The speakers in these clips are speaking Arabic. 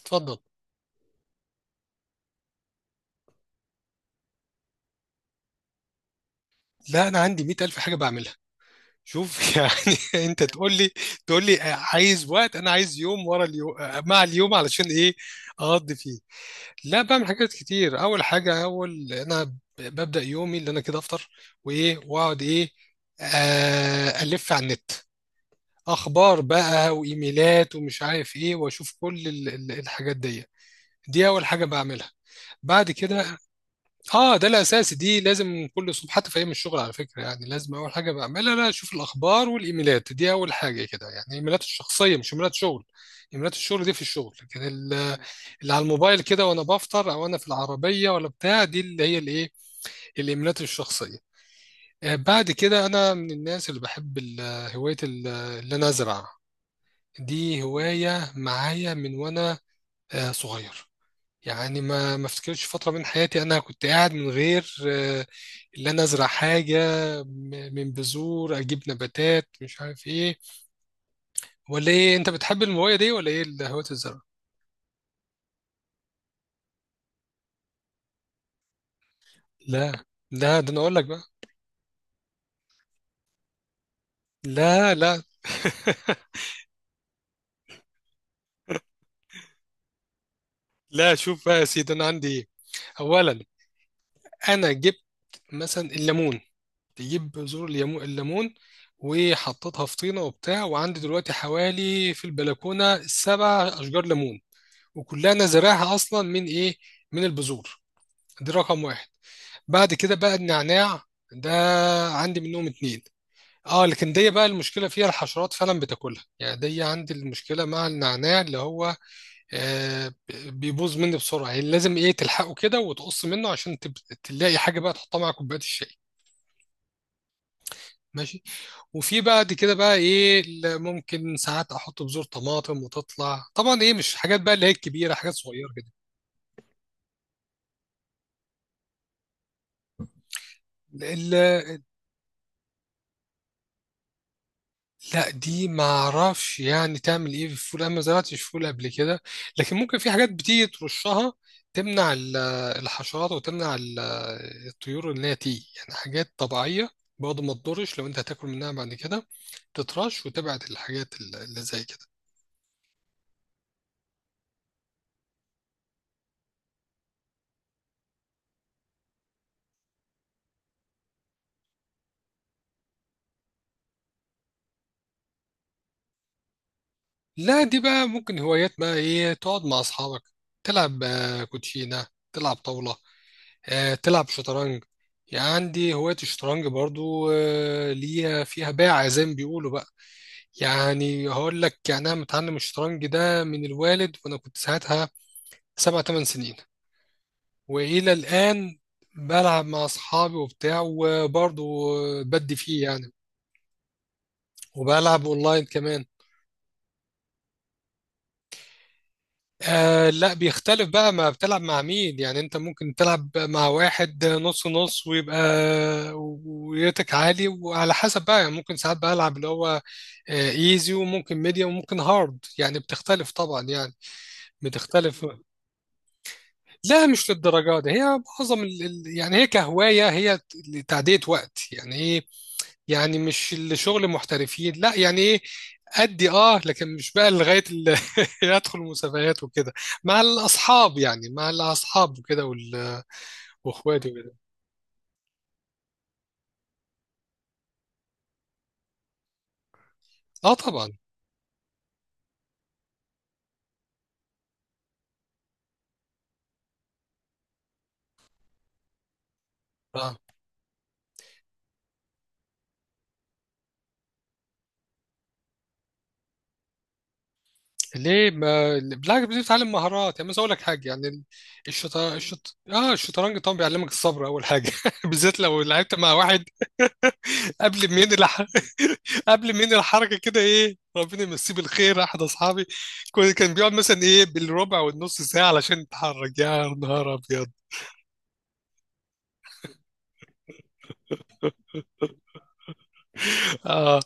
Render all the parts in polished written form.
اتفضل. لا، انا عندي 100000 حاجه بعملها. شوف يعني انت تقول لي عايز وقت، انا عايز يوم ورا اليوم مع اليوم علشان ايه اقضي فيه. لا، بعمل حاجات كتير. اول حاجه، ببدا يومي اللي انا كده افطر وايه واقعد ايه. الف على النت، اخبار بقى وايميلات ومش عارف ايه، واشوف كل الحاجات دي. دي اول حاجه بعملها. بعد كده اه ده الاساسي، دي لازم كل صبح حتى في ايام الشغل، على فكره يعني. لازم اول حاجه بعملها انا اشوف الاخبار والايميلات، دي اول حاجه كده يعني. الايميلات الشخصيه مش ايميلات شغل، ايميلات الشغل دي في الشغل، لكن اللي على الموبايل كده وانا بفطر او انا في العربيه ولا بتاع، دي اللي هي الايه، الايميلات الشخصيه. آه، بعد كده انا من الناس اللي بحب هوايه اللي انا ازرع، دي هوايه معايا من وانا صغير، يعني ما افتكرش فترة من حياتي انا كنت قاعد من غير اللي انا ازرع حاجة من بذور، اجيب نباتات مش عارف ايه ولا ايه. انت بتحب المويه دي ولا ايه، هواية الزرع؟ لا لا، ده انا اقول لك بقى. لا لا لا، شوف بقى يا سيدي، انا عندي ايه؟ اولا، انا جبت مثلا الليمون، تجيب بذور الليمون وحطيتها في طينة وبتاع، وعندي دلوقتي حوالي في البلكونة سبع أشجار ليمون وكلها انا زارعها اصلا من ايه، من البذور. دي رقم واحد. بعد كده بقى النعناع ده، عندي منهم اتنين. اه لكن دي بقى المشكله فيها الحشرات فعلا بتاكلها يعني، دي عندي المشكله مع النعناع اللي هو آه بيبوظ مني بسرعه، يعني لازم ايه تلحقه كده وتقص منه عشان تلاقي حاجه بقى تحطها مع كوبايه الشاي. ماشي. وفي بعد كده بقى ايه اللي ممكن ساعات احط بذور طماطم وتطلع طبعا ايه، مش حاجات بقى اللي هي الكبيره، حاجات صغيره كده. لا دي ما اعرفش يعني تعمل ايه في الفول، انا ما زرعتش فول قبل كده، لكن ممكن في حاجات بتيجي ترشها تمنع الحشرات وتمنع الطيور ان هي تيجي، يعني حاجات طبيعيه برضه ما تضرش لو انت هتاكل منها بعد كده، تترش وتبعد الحاجات اللي زي كده. لا دي بقى ممكن هوايات بقى ايه، تقعد مع اصحابك تلعب كوتشينه، تلعب طاوله، تلعب شطرنج، يعني عندي هوايه الشطرنج برضو، ليها فيها باع زي ما بيقولوا بقى. يعني هقول لك يعني انا متعلم الشطرنج ده من الوالد وانا كنت ساعتها سبع ثمان سنين، والى الان بلعب مع اصحابي وبتاع وبرضه بدي فيه يعني، وبلعب اونلاين كمان. آه لا بيختلف بقى ما بتلعب مع مين، يعني انت ممكن تلعب مع واحد نص نص ويبقى ويتك عالي، وعلى حسب بقى يعني ممكن ساعات بلعب اللي هو ايزي وممكن ميديوم وممكن هارد، يعني بتختلف طبعا يعني، بتختلف. لا مش للدرجة دي، هي معظم يعني هي كهواية، هي تعدية وقت يعني ايه، يعني مش الشغل محترفين لا، يعني ايه أدي اه، لكن مش بقى لغاية أدخل مسابقات وكده، مع الأصحاب يعني، مع الأصحاب وكده وإخواتي وكده. اه طبعا. اه. ليه، ما بالعكس بتتعلم مهارات، يعني مثلا أقول لك حاجة يعني. الشطرنج طبعا بيعلمك الصبر أول حاجة بالذات لو لعبت مع واحد قبل منين الح... قبل منين الحركه كده ايه، ربنا يمسيه بالخير، احد اصحابي كان بيقعد مثلا ايه بالربع والنص ساعه علشان يتحرك، يا نهار ابيض. اه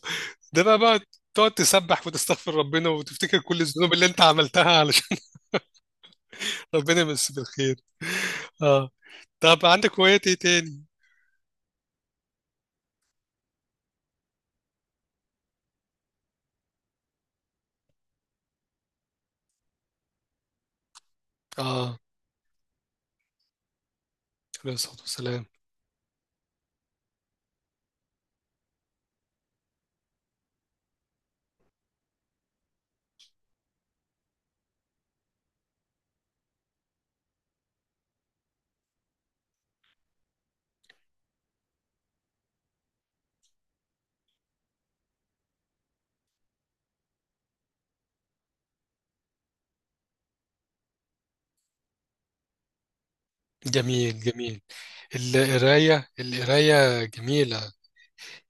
ده بقى تقعد تسبح وتستغفر ربنا وتفتكر كل الذنوب اللي انت عملتها علشان ربنا يمسيه بالخير. اه. طب عندك هوايات ايه تاني؟ اه، عليه الصلاه والسلام. جميل جميل، القرايه القرايه جميله،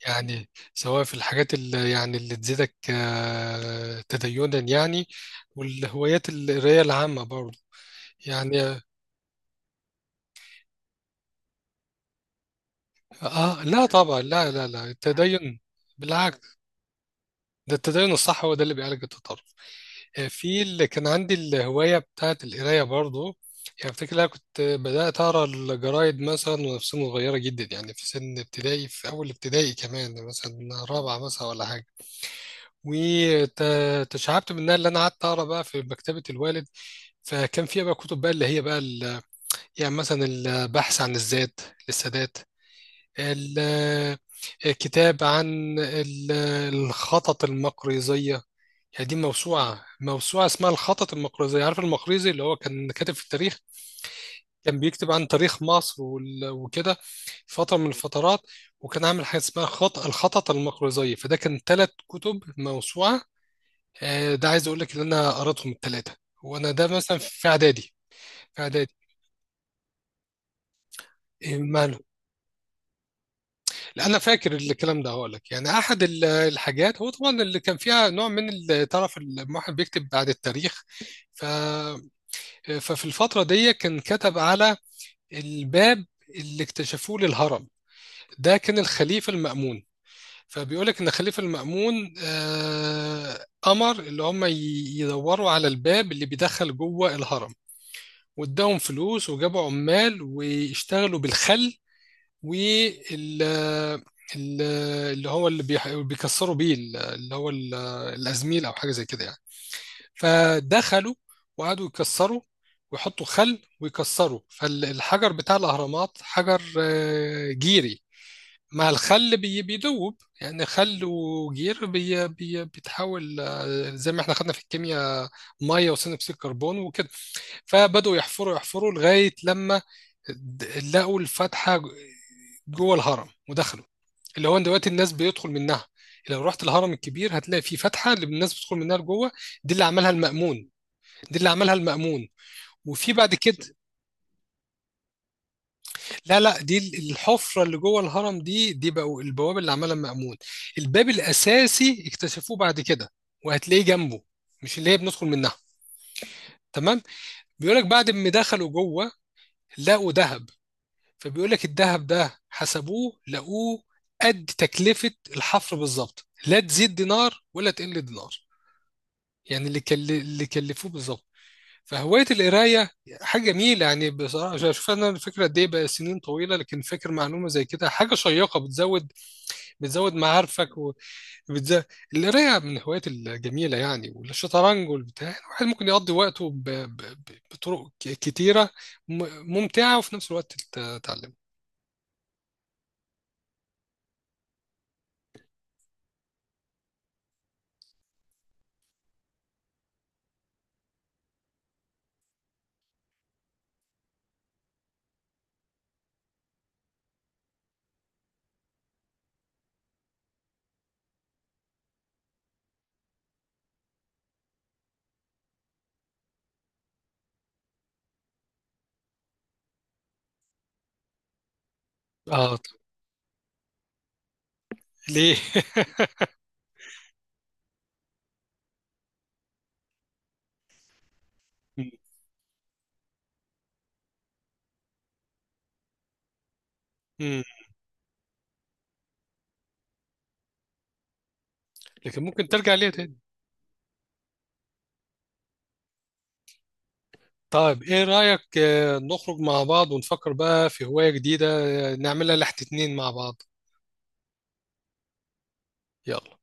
يعني سواء في الحاجات اللي يعني اللي تزيدك تدينا يعني، والهوايات القراية العامة برضه يعني. اه، لا طبعا، لا لا لا، التدين بالعكس، ده التدين الصح هو ده اللي بيعالج التطرف. آه، في اللي كان عندي الهواية بتاعت القراية برضه، يعني افتكر انا كنت بدأت اقرا الجرايد مثلا وانا في سن صغيرة جدا، يعني في سن ابتدائي في اول ابتدائي كمان، مثلا رابعة مثلا ولا حاجة. وتشعبت منها اللي انا قعدت اقرا بقى في مكتبه الوالد، فكان فيها بقى كتب بقى اللي هي بقى يعني مثلا البحث عن الذات للسادات، ال- كتاب عن الخطط المقريزيه. يعني دي موسوعه، موسوعه اسمها الخطط المقريزيه، عارف المقريزي اللي هو كان كاتب في التاريخ، كان بيكتب عن تاريخ مصر وكده، فتره من الفترات، وكان عامل حاجه اسمها خط الخطط المقريزيه، فده كان ثلاث كتب موسوعه. آه، ده عايز اقول لك ان انا قريتهم الثلاثه وانا ده مثلا في اعدادي، في اعدادي. إيه ماله؟ لا انا فاكر الكلام ده. هقول لك يعني احد الحاجات هو طبعا اللي كان فيها نوع من تعرف الواحد بيكتب بعد التاريخ، ف ففي الفتره دي كان كتب على الباب اللي اكتشفوه للهرم، ده كان الخليفه المأمون. فبيقول لك ان الخليفه المأمون، آه، امر اللي هم يدوروا على الباب اللي بيدخل جوه الهرم، واداهم فلوس وجابوا عمال واشتغلوا بالخل وال ال- اللي هو اللي بيكسروا بيه اللي هو الازميل او حاجه زي كده يعني. فدخلوا وقعدوا يكسروا ويحطوا خل ويكسروا، فالحجر بتاع الاهرامات حجر، جيري، مع الخل بيدوب يعني، خل وجير بي بي بيتحول، زي ما احنا خدنا في الكيمياء، ميه وثاني اكسيد كربون وكده. فبدأوا يحفروا يحفروا لغاية لما لقوا الفتحة جوه الهرم ودخلوا، اللي هو دلوقتي الناس بيدخل منها. لو رحت الهرم الكبير هتلاقي في فتحة اللي الناس بتدخل منها لجوه، دي اللي عملها المأمون. دي اللي عملها المأمون، وفي بعد كده، لا لا، دي الحفرة اللي جوه الهرم دي بقوا البوابة اللي عملها المأمون، الباب الأساسي اكتشفوه بعد كده، وهتلاقيه جنبه، مش اللي هي بندخل منها. تمام، بيقولك بعد ما دخلوا جوه لقوا ذهب، فبيقول لك الذهب ده حسبوه، لقوه قد تكلفة الحفر بالظبط، لا تزيد دينار ولا تقل دينار، يعني اللي كلفوه بالظبط. فهواية القراية حاجة جميلة يعني، بصراحة شوف شوف أنا الفكرة قد إيه بقى، سنين طويلة لكن فاكر معلومة زي كده، حاجة شيقة بتزود، بتزود معارفك وبتزود. القراية من الهوايات الجميلة يعني، والشطرنج والبتاع، يعني الواحد ممكن يقضي وقته بطرق كتيرة ممتعة وفي نفس الوقت تتعلم. ليه مم. لكن ممكن ترجع ليها تاني. طيب ايه رأيك، نخرج مع بعض ونفكر بقى في هواية جديدة، نعملها لحد اتنين مع بعض. يلا